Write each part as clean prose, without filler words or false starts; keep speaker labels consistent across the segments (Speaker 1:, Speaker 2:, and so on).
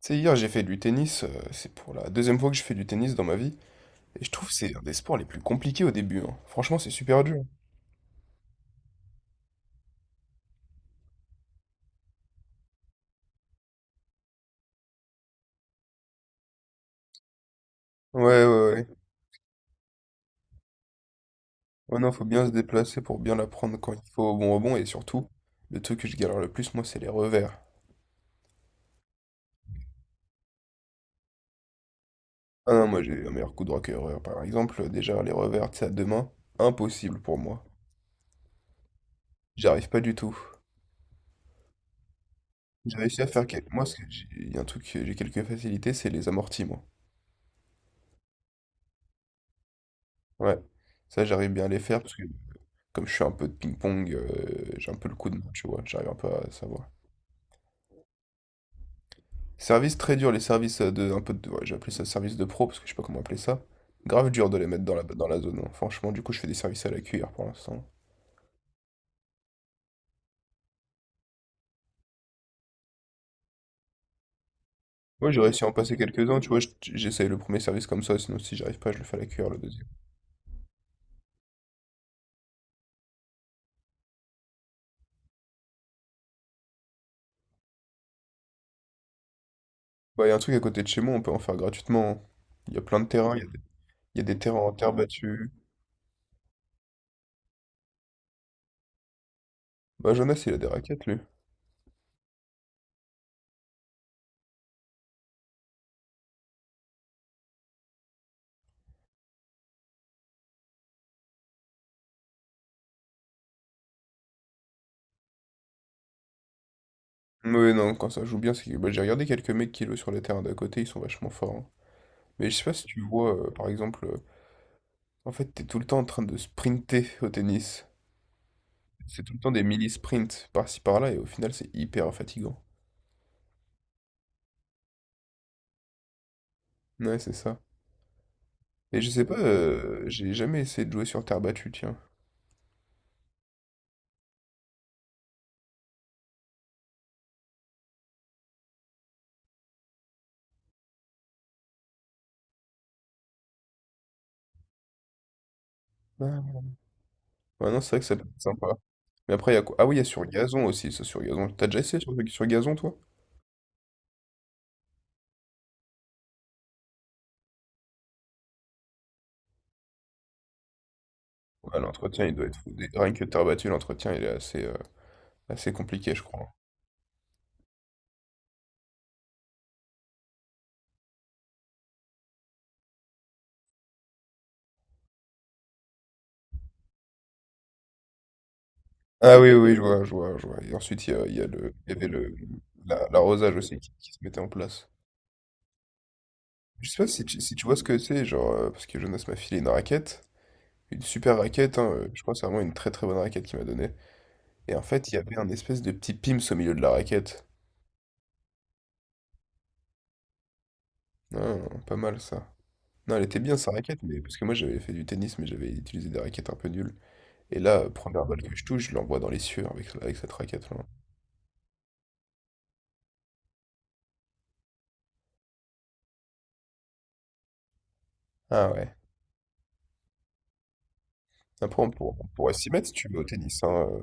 Speaker 1: Tu sais, hier j'ai fait du tennis, c'est pour la deuxième fois que je fais du tennis dans ma vie, et je trouve que c'est un des sports les plus compliqués au début, hein. Franchement, c'est super dur. Ouais, ouais, ouais. Ouais, non, faut bien se déplacer pour bien l'apprendre quand il faut au bon rebond, et surtout, le truc que je galère le plus, moi, c'est les revers. Ah non, moi j'ai un meilleur coup droit que revers, par exemple, déjà les revers, tu sais, à deux mains, impossible pour moi. J'arrive pas du tout. J'ai réussi à faire quelques... Moi, il y a un truc que j'ai quelques facilités, c'est les amortis, moi. Ouais, ça j'arrive bien à les faire, parce que comme je fais un peu de ping-pong, j'ai un peu le coup de main, tu vois, j'arrive un peu à savoir. Service très dur, les services de un peu de, ouais, j'ai appelé ça service de pro parce que je sais pas comment appeler ça. Grave dur de les mettre dans la zone, hein. Franchement, du coup, je fais des services à la cuillère pour l'instant. Ouais, j'ai réussi à en passer quelques-uns, tu vois, j'essaye le premier service comme ça, sinon si j'arrive pas, je le fais à la cuillère le deuxième. Bah, il y a un truc à côté de chez moi, on peut en faire gratuitement, hein. Il y a plein de terrains, il y a des terrains en terre battue. Bah, Jonas, il a des raquettes, lui. Mais non, quand ça joue bien, c'est que bah, j'ai regardé quelques mecs qui jouent sur les terrains d'à côté, ils sont vachement forts, hein. Mais je sais pas si tu vois, par exemple, en fait, t'es tout le temps en train de sprinter au tennis. C'est tout le temps des mini-sprints par-ci par-là, et au final, c'est hyper fatigant. Ouais, c'est ça. Et je sais pas, j'ai jamais essayé de jouer sur terre battue, tiens. Ah. Ouais, non, c'est vrai que ça peut être sympa. Mais après, il y a quoi? Ah oui, il y a sur gazon aussi, ça, sur gazon. T'as déjà essayé sur gazon, toi? Ouais, l'entretien, il doit être fou. Rien que t'as battu, l'entretien, il est assez, assez compliqué, je crois. Ah oui, oui, je vois, je vois, je vois. Et ensuite, il y avait l'arrosage aussi qui se mettait en place. Je sais pas si tu vois ce que c'est, genre, parce que Jonas m'a filé une raquette, une super raquette, hein, je crois que c'est vraiment une très très bonne raquette qu'il m'a donnée. Et en fait, il y avait un espèce de petit pims au milieu de la raquette. Non, pas mal ça. Non, elle était bien sa raquette, mais parce que moi j'avais fait du tennis, mais j'avais utilisé des raquettes un peu nulles. Et là, première balle que je touche, je l'envoie dans les cieux avec cette raquette-là. Ah ouais. Après, on pourrait s'y mettre si tu veux au tennis, hein.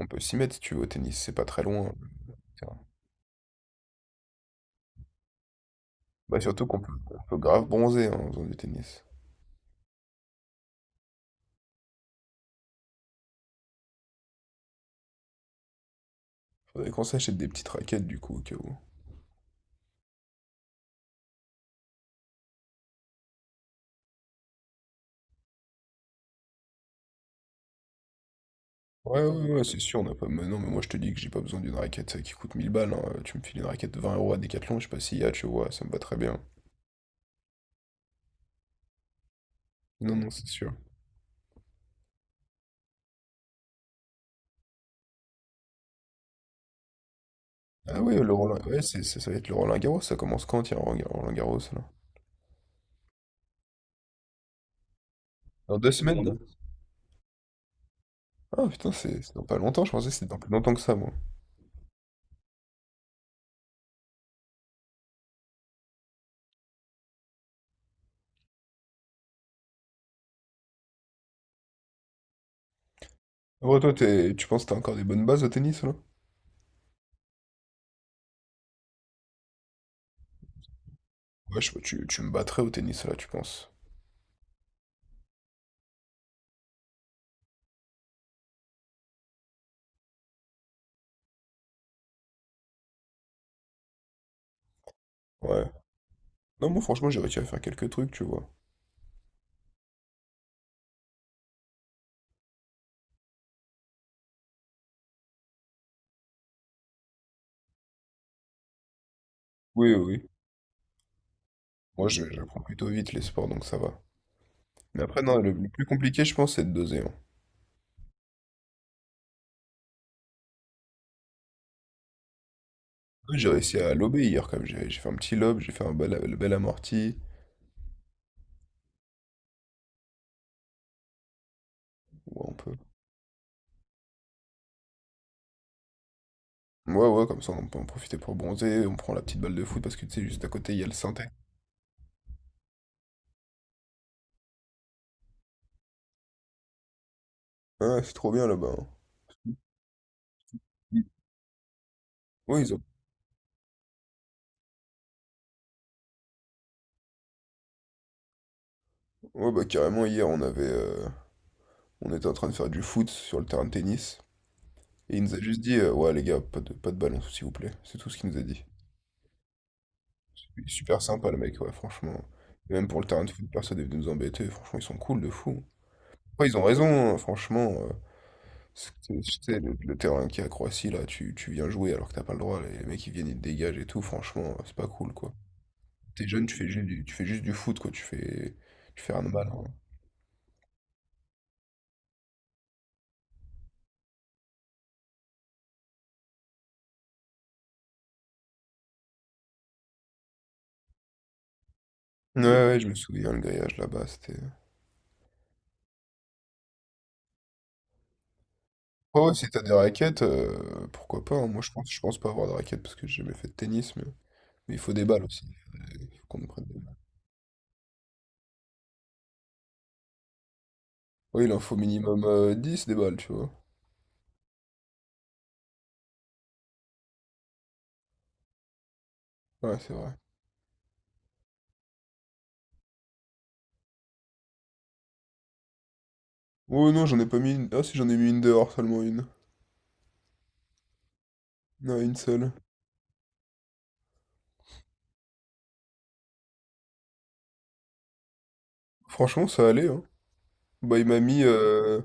Speaker 1: On peut s'y mettre si tu veux au tennis, c'est pas très loin. Le terrain. Bah, surtout qu'on peut grave bronzer hein, en faisant du tennis. Faudrait qu'on s'achète des petites raquettes du coup, au cas où. Ouais, ouais, ouais, c'est sûr, on n'a pas. Mais non, mais moi je te dis que j'ai pas besoin d'une raquette qui coûte 1000 balles, hein. Tu me files une raquette de 20 euros à Decathlon, je sais pas s'il y a, tu vois, ça me va très bien. Non, non, c'est sûr. Ah ouais, le Roland... ouais, ça va être le Roland-Garros, ça commence quand, tiens, Roland-Garros, là? Dans 2 semaines, là? Ah putain, c'est dans pas longtemps, je pensais que c'était dans plus longtemps que ça, moi. Ouais, toi, tu penses que t'as encore des bonnes bases au tennis, là? Ouais, je sais pas, tu me battrais au tennis, là, tu penses? Ouais. Non, moi, franchement, j'ai réussi à faire quelques trucs, tu vois. Oui, oui. Oui. Moi, j'apprends plutôt vite les sports, donc ça va. Mais après, non, le plus compliqué, je pense, c'est de doser, hein. Ouais, j'ai réussi à lober hier, quand même. J'ai fait un petit lob, j'ai fait le bel amorti. Ouais, on peut. Ouais, ouais, comme ça, on peut en profiter pour bronzer. On prend la petite balle de foot, parce que, tu sais, juste à côté, il y a le synthé. Ouais, c'est trop bien, là-bas, hein. Oui, ils ont... Ouais, bah, carrément, hier, on avait... on était en train de faire du foot sur le terrain de tennis. Et il nous a juste dit, ouais les gars, pas de ballon, s'il vous plaît. C'est tout ce qu'il nous a dit. Super sympa le mec, ouais, franchement. Et même pour le terrain de foot, personne est venu nous embêter. Franchement, ils sont cool de fou. Ouais, ils ont raison, hein, franchement. Tu sais, le terrain qui est à Croatie, là, tu viens jouer alors que t'as pas le droit. Les mecs, ils viennent, ils te dégagent et tout. Franchement, c'est pas cool, quoi. T'es jeune, tu fais juste du foot, quoi. Tu fais rien de mal, hein. Ouais, ouais, je me souviens, le grillage là-bas, c'était... Oh, ouais, si t'as des raquettes, pourquoi pas, hein. Moi, je pense pas avoir de raquettes parce que j'ai jamais fait de tennis, mais il faut des balles aussi, il faut qu'on me prenne des balles. Oui, il en faut minimum 10 des balles, tu vois. Ouais, c'est vrai. Oh non, j'en ai pas mis une... Ah si, j'en ai mis une dehors, seulement une. Non, une seule. Franchement, ça allait, hein. Bah, il m'a mis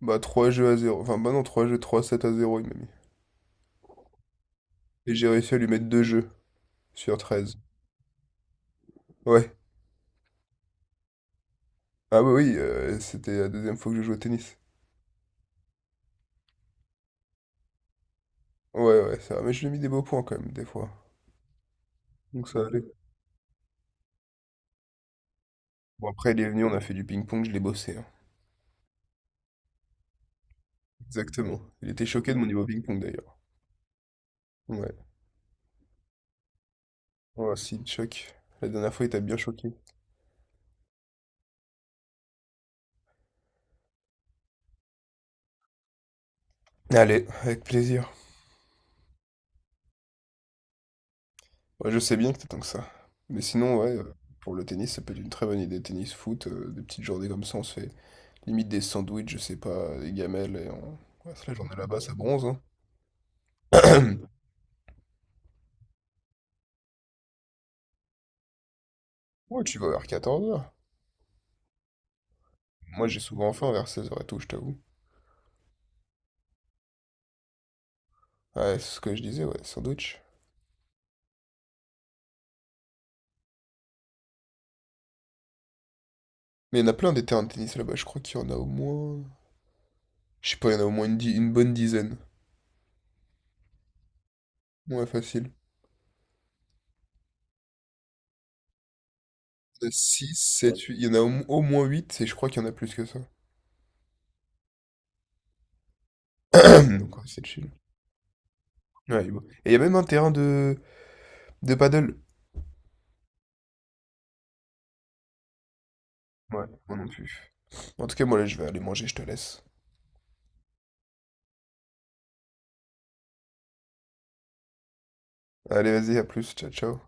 Speaker 1: bah, 3 jeux à zéro. Enfin, bah non, trois jeux, 3 7 à zéro il m'a mis. Et j'ai réussi à lui mettre 2 jeux sur 13. Ouais. Ah bah oui, c'était la deuxième fois que je jouais au tennis. Ouais, ouais, ça va. Mais je lui ai mis des beaux points quand même, des fois. Donc ça allait. Ok. Bon, après, il est venu, on a fait du ping-pong, je l'ai bossé, hein. Exactement. Il était choqué de mon niveau ping-pong d'ailleurs. Ouais. Ouais, si, il te La dernière fois, il t'a bien choqué. Allez, avec plaisir. Ouais, je sais bien que t'attends que ça. Mais sinon, ouais, pour le tennis, ça peut être une très bonne idée. Tennis, foot, des petites journées comme ça, on se fait limite des sandwichs, je sais pas, des gamelles. Et on... Ouais, c'est la journée là-bas, ça bronze, hein. Ouais, tu vas vers 14 heures. Moi, j'ai souvent faim vers 16 heures et tout, je t'avoue. Ouais, c'est ce que je disais, ouais, sandwich. Mais il y en a plein des terrains de tennis là-bas, je crois qu'il y en a au moins. Je sais pas, il y en a au moins une, une bonne dizaine. Ouais, facile. Il y en a 6, 7, il y en a au moins 8. Et je crois qu'il y en a plus que ça. Donc ouais, c'est chill. Ouais, il est beau. Et il y a même un terrain de paddle. Ouais, moi non plus. En tout cas, moi là, je vais aller manger, je te laisse. Allez, vas-y, à plus, ciao, ciao.